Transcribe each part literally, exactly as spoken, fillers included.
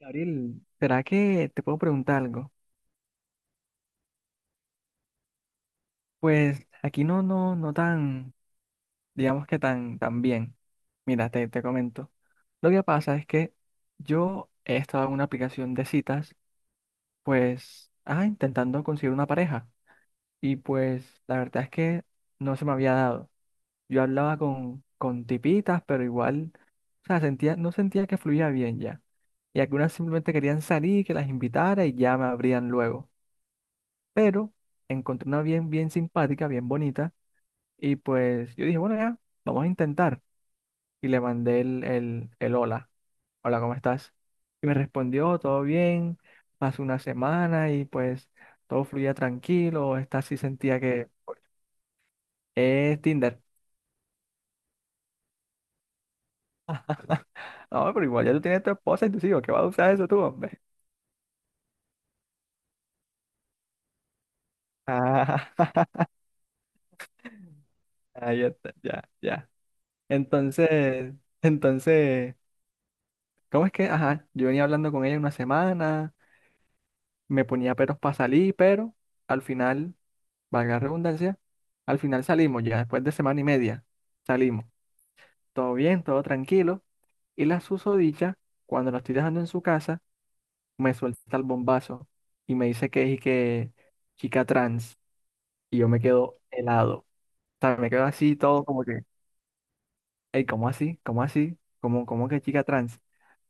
Gabriel, ¿será que te puedo preguntar algo? Pues aquí no, no, no tan, digamos que tan, tan bien. Mira, te, te comento. Lo que pasa es que yo he estado en una aplicación de citas, pues, ah, intentando conseguir una pareja. Y pues, la verdad es que no se me había dado. Yo hablaba con, con tipitas, pero igual, o sea, sentía, no sentía que fluía bien ya. Y algunas simplemente querían salir, que las invitara y ya me abrían luego, pero encontré una bien, bien simpática, bien bonita, y pues yo dije, bueno, ya, vamos a intentar. Y le mandé el, el, el hola, hola, ¿cómo estás? Y me respondió, todo bien, pasó una semana y pues todo fluía tranquilo, esta sí sentía que es Tinder. No, pero igual ya tú tienes tu esposa y tus hijos, ¿qué vas a usar eso tú, hombre? Ah, ah, ya está, ya, ya. Entonces, entonces, ¿cómo es que? Ajá, yo venía hablando con ella una semana, me ponía peros para salir, pero al final, valga la redundancia, al final salimos ya, después de semana y media, salimos. Todo bien, todo tranquilo. Y la susodicha, cuando la estoy dejando en su casa, me suelta el bombazo y me dice que es que chica trans. Y yo me quedo helado. O sea, me quedo así todo como que, hey, ¿cómo así? ¿Cómo así? ¿Cómo, cómo que chica trans? O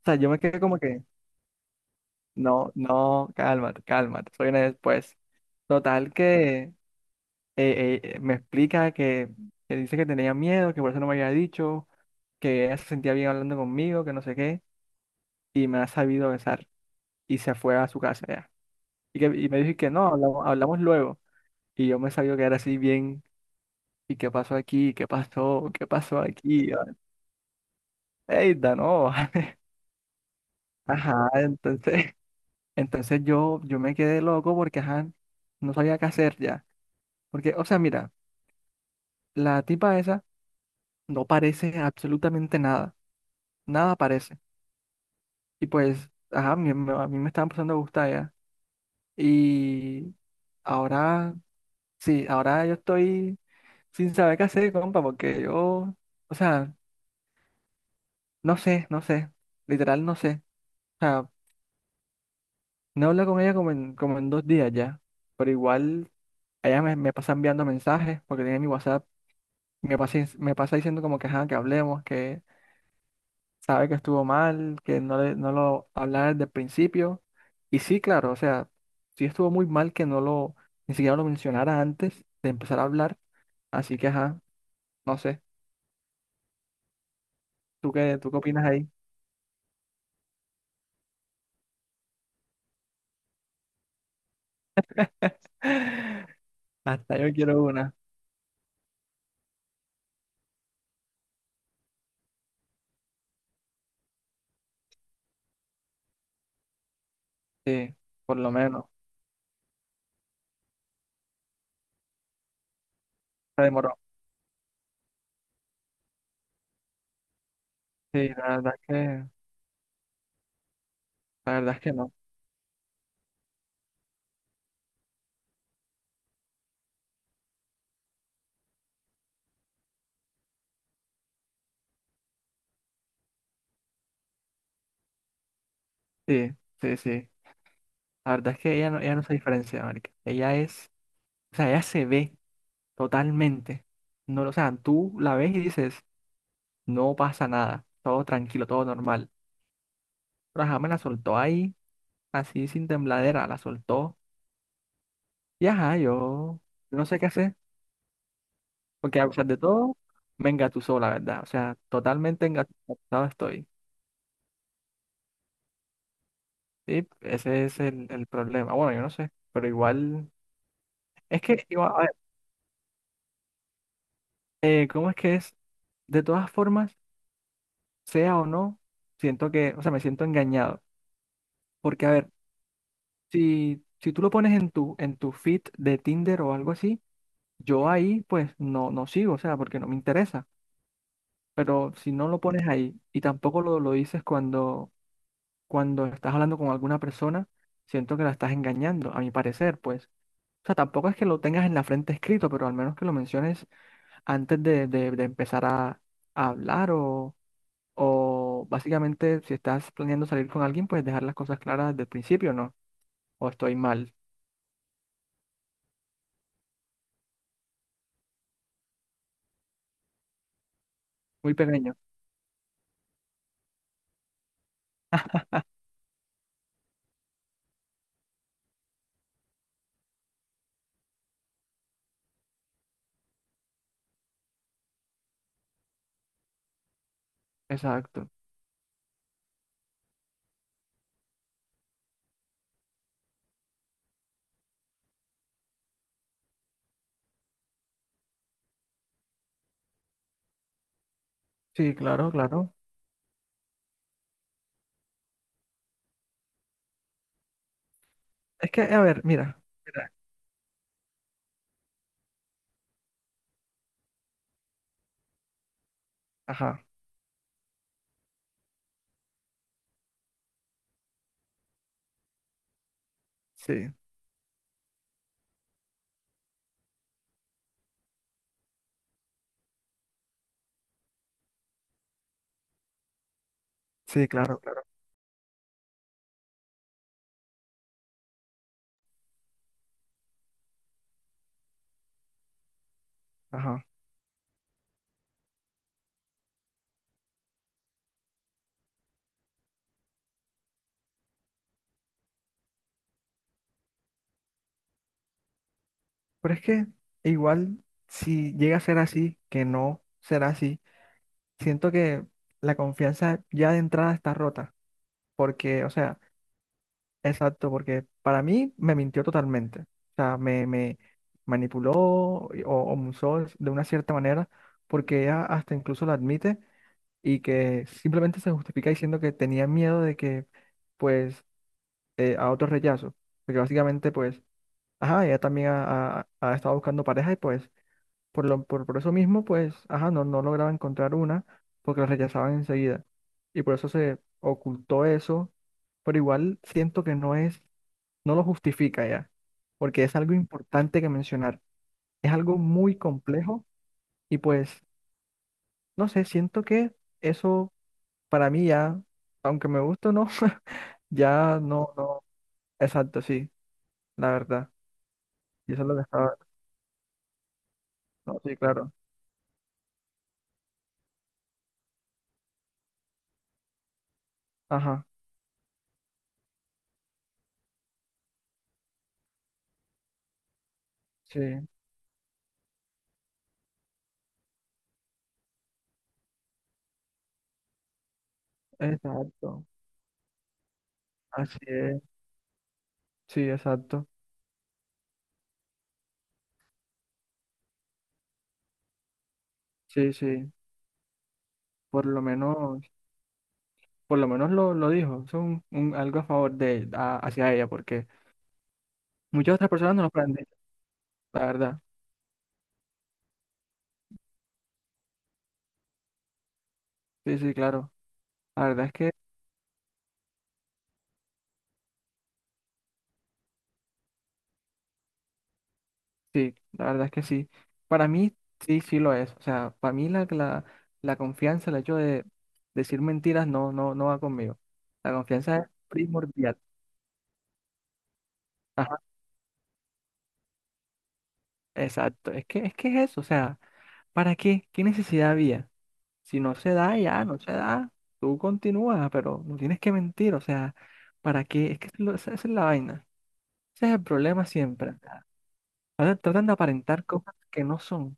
sea, yo me quedé como que, no, no, cálmate, cálmate, soy una después. Total que eh, eh, me explica que, que dice que tenía miedo, que por eso no me había dicho, que ella se sentía bien hablando conmigo, que no sé qué, y me ha sabido besar y se fue a su casa ya. Y, que, y me dijo que no, hablamos, hablamos luego. Y yo me sabía que era así bien, ¿y qué pasó aquí? ¿Qué pasó? ¿Qué pasó aquí? Y yo, ey, no. Ajá, entonces, entonces yo, yo me quedé loco porque, ajá, no sabía qué hacer ya. Porque, o sea, mira, la tipa esa no parece absolutamente nada, nada parece. Y pues, ajá, me- me- a mí me estaba empezando a gustar ya. Y ahora, sí, ahora yo estoy sin saber qué hacer, compa, porque yo, o sea, no sé, no sé, literal no sé. O sea, no hablo con ella como en, como en dos días ya, pero igual ella me, me pasa enviando mensajes, porque tiene mi WhatsApp, me pasa, me pasa diciendo como que, ajá, que hablemos, sabe que estuvo mal, que no, le- no lo hablaba desde el principio. Y sí, claro, o sea, sí estuvo muy mal que no lo, ni siquiera lo mencionara antes de empezar a hablar. Así que, ajá, no sé, ¿tú qué, tú qué opinas ahí? Hasta yo quiero una, sí, por lo menos. Se demoró. Sí, la verdad es que, la verdad es que no. Sí, sí, sí. La verdad es que ella no, ella no se diferencia, marica. Ella es, o sea, ella se ve totalmente. No, o sea, tú la ves y dices, no pasa nada, todo tranquilo, todo normal. Pero ajá, me la soltó ahí, así sin tembladera, la soltó. Y ajá, yo yo no sé qué hacer, porque a pesar de todo, me engatusó, la verdad. O sea, totalmente engatusado estoy. Sí, ese es el, el problema. Bueno, yo no sé, pero igual, es que, igual, a ver, eh, ¿cómo es que es? De todas formas, sea o no, siento que, o sea, me siento engañado. Porque, a ver, si, si tú lo pones en tu, en tu feed de Tinder o algo así, yo ahí pues no, no sigo, o sea, porque no me interesa. Pero si no lo pones ahí y tampoco lo, lo dices cuando, cuando estás hablando con alguna persona, siento que la estás engañando, a mi parecer, pues. O sea, tampoco es que lo tengas en la frente escrito, pero al menos que lo menciones antes de, de- de empezar a, a hablar o, o básicamente si estás planeando salir con alguien, pues dejar las cosas claras desde el principio, ¿no? O estoy mal, muy pequeño. Exacto. Sí, claro, claro. Es que, a ver, mira. Mira. Ajá. Sí. Sí, claro, claro. Ajá. Pero es que igual, si llega a ser así, que no será así, siento que la confianza ya de entrada está rota. Porque, o sea, exacto, porque para mí me mintió totalmente. O sea, me, me manipuló o, o me usó de una cierta manera, porque ella hasta incluso lo admite y que simplemente se justifica diciendo que tenía miedo de que, pues, eh, a otro rechazo. Porque básicamente, pues, ajá, ella también ha, ha- ha estado buscando pareja y pues por lo, por, por eso mismo, pues, ajá, no, no lograba encontrar una porque la rechazaban enseguida. Y por eso se ocultó eso, pero igual siento que no es, no lo justifica ya, porque es algo importante que mencionar. Es algo muy complejo y pues, no sé, siento que eso para mí ya, aunque me guste o no, ya no, no, exacto, sí, la verdad. Y eso es lo que estaba, no, sí, claro, ajá, sí. Exacto, así es, sí, exacto, sí, sí, por lo menos, por lo menos lo, lo dijo, es un, un algo a favor de, a- hacia ella, porque muchas otras personas no lo han dicho, la verdad, sí, sí, claro, la verdad es que sí, la verdad es que sí, para mí sí, sí lo es, o sea, para mí la, la, la confianza, el hecho de decir mentiras no, no, no va conmigo, la confianza es primordial, ajá, exacto, es que, es que es eso, o sea, ¿para qué? ¿Qué necesidad había? Si no se da, ya, no se da. Tú continúas, pero no tienes que mentir. O sea, ¿para qué? Es que lo- esa esa es la vaina. Ese es el problema siempre. O sea, ahora tratan de aparentar cosas que no son.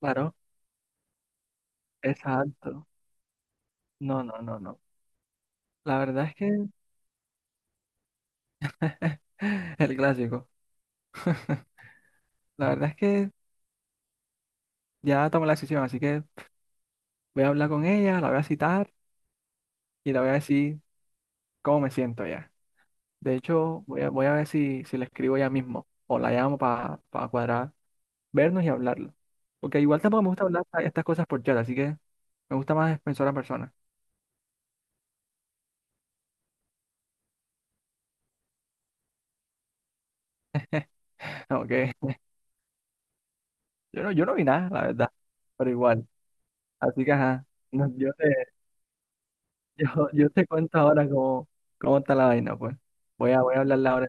Claro, exacto. No, no, no, no. La verdad es que el clásico. La verdad es que ya tomé la decisión, así que voy a hablar con ella, la voy a citar y la voy a decir cómo me siento ya. De hecho, voy a, voy a ver si, si le escribo ya mismo o la llamo para cuadrar, vernos y hablarlo. Porque igual tampoco me gusta hablar esta- estas cosas por chat, así que me gusta más persona a persona. Ok. Yo no, yo no vi nada, la verdad. Pero igual. Así que ajá. No, yo te, yo, yo te cuento ahora cómo, cómo está la vaina, pues. Voy a, voy a hablarla ahora.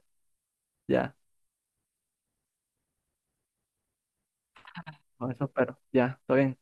Ya. Con eso espero. Ya, todo bien.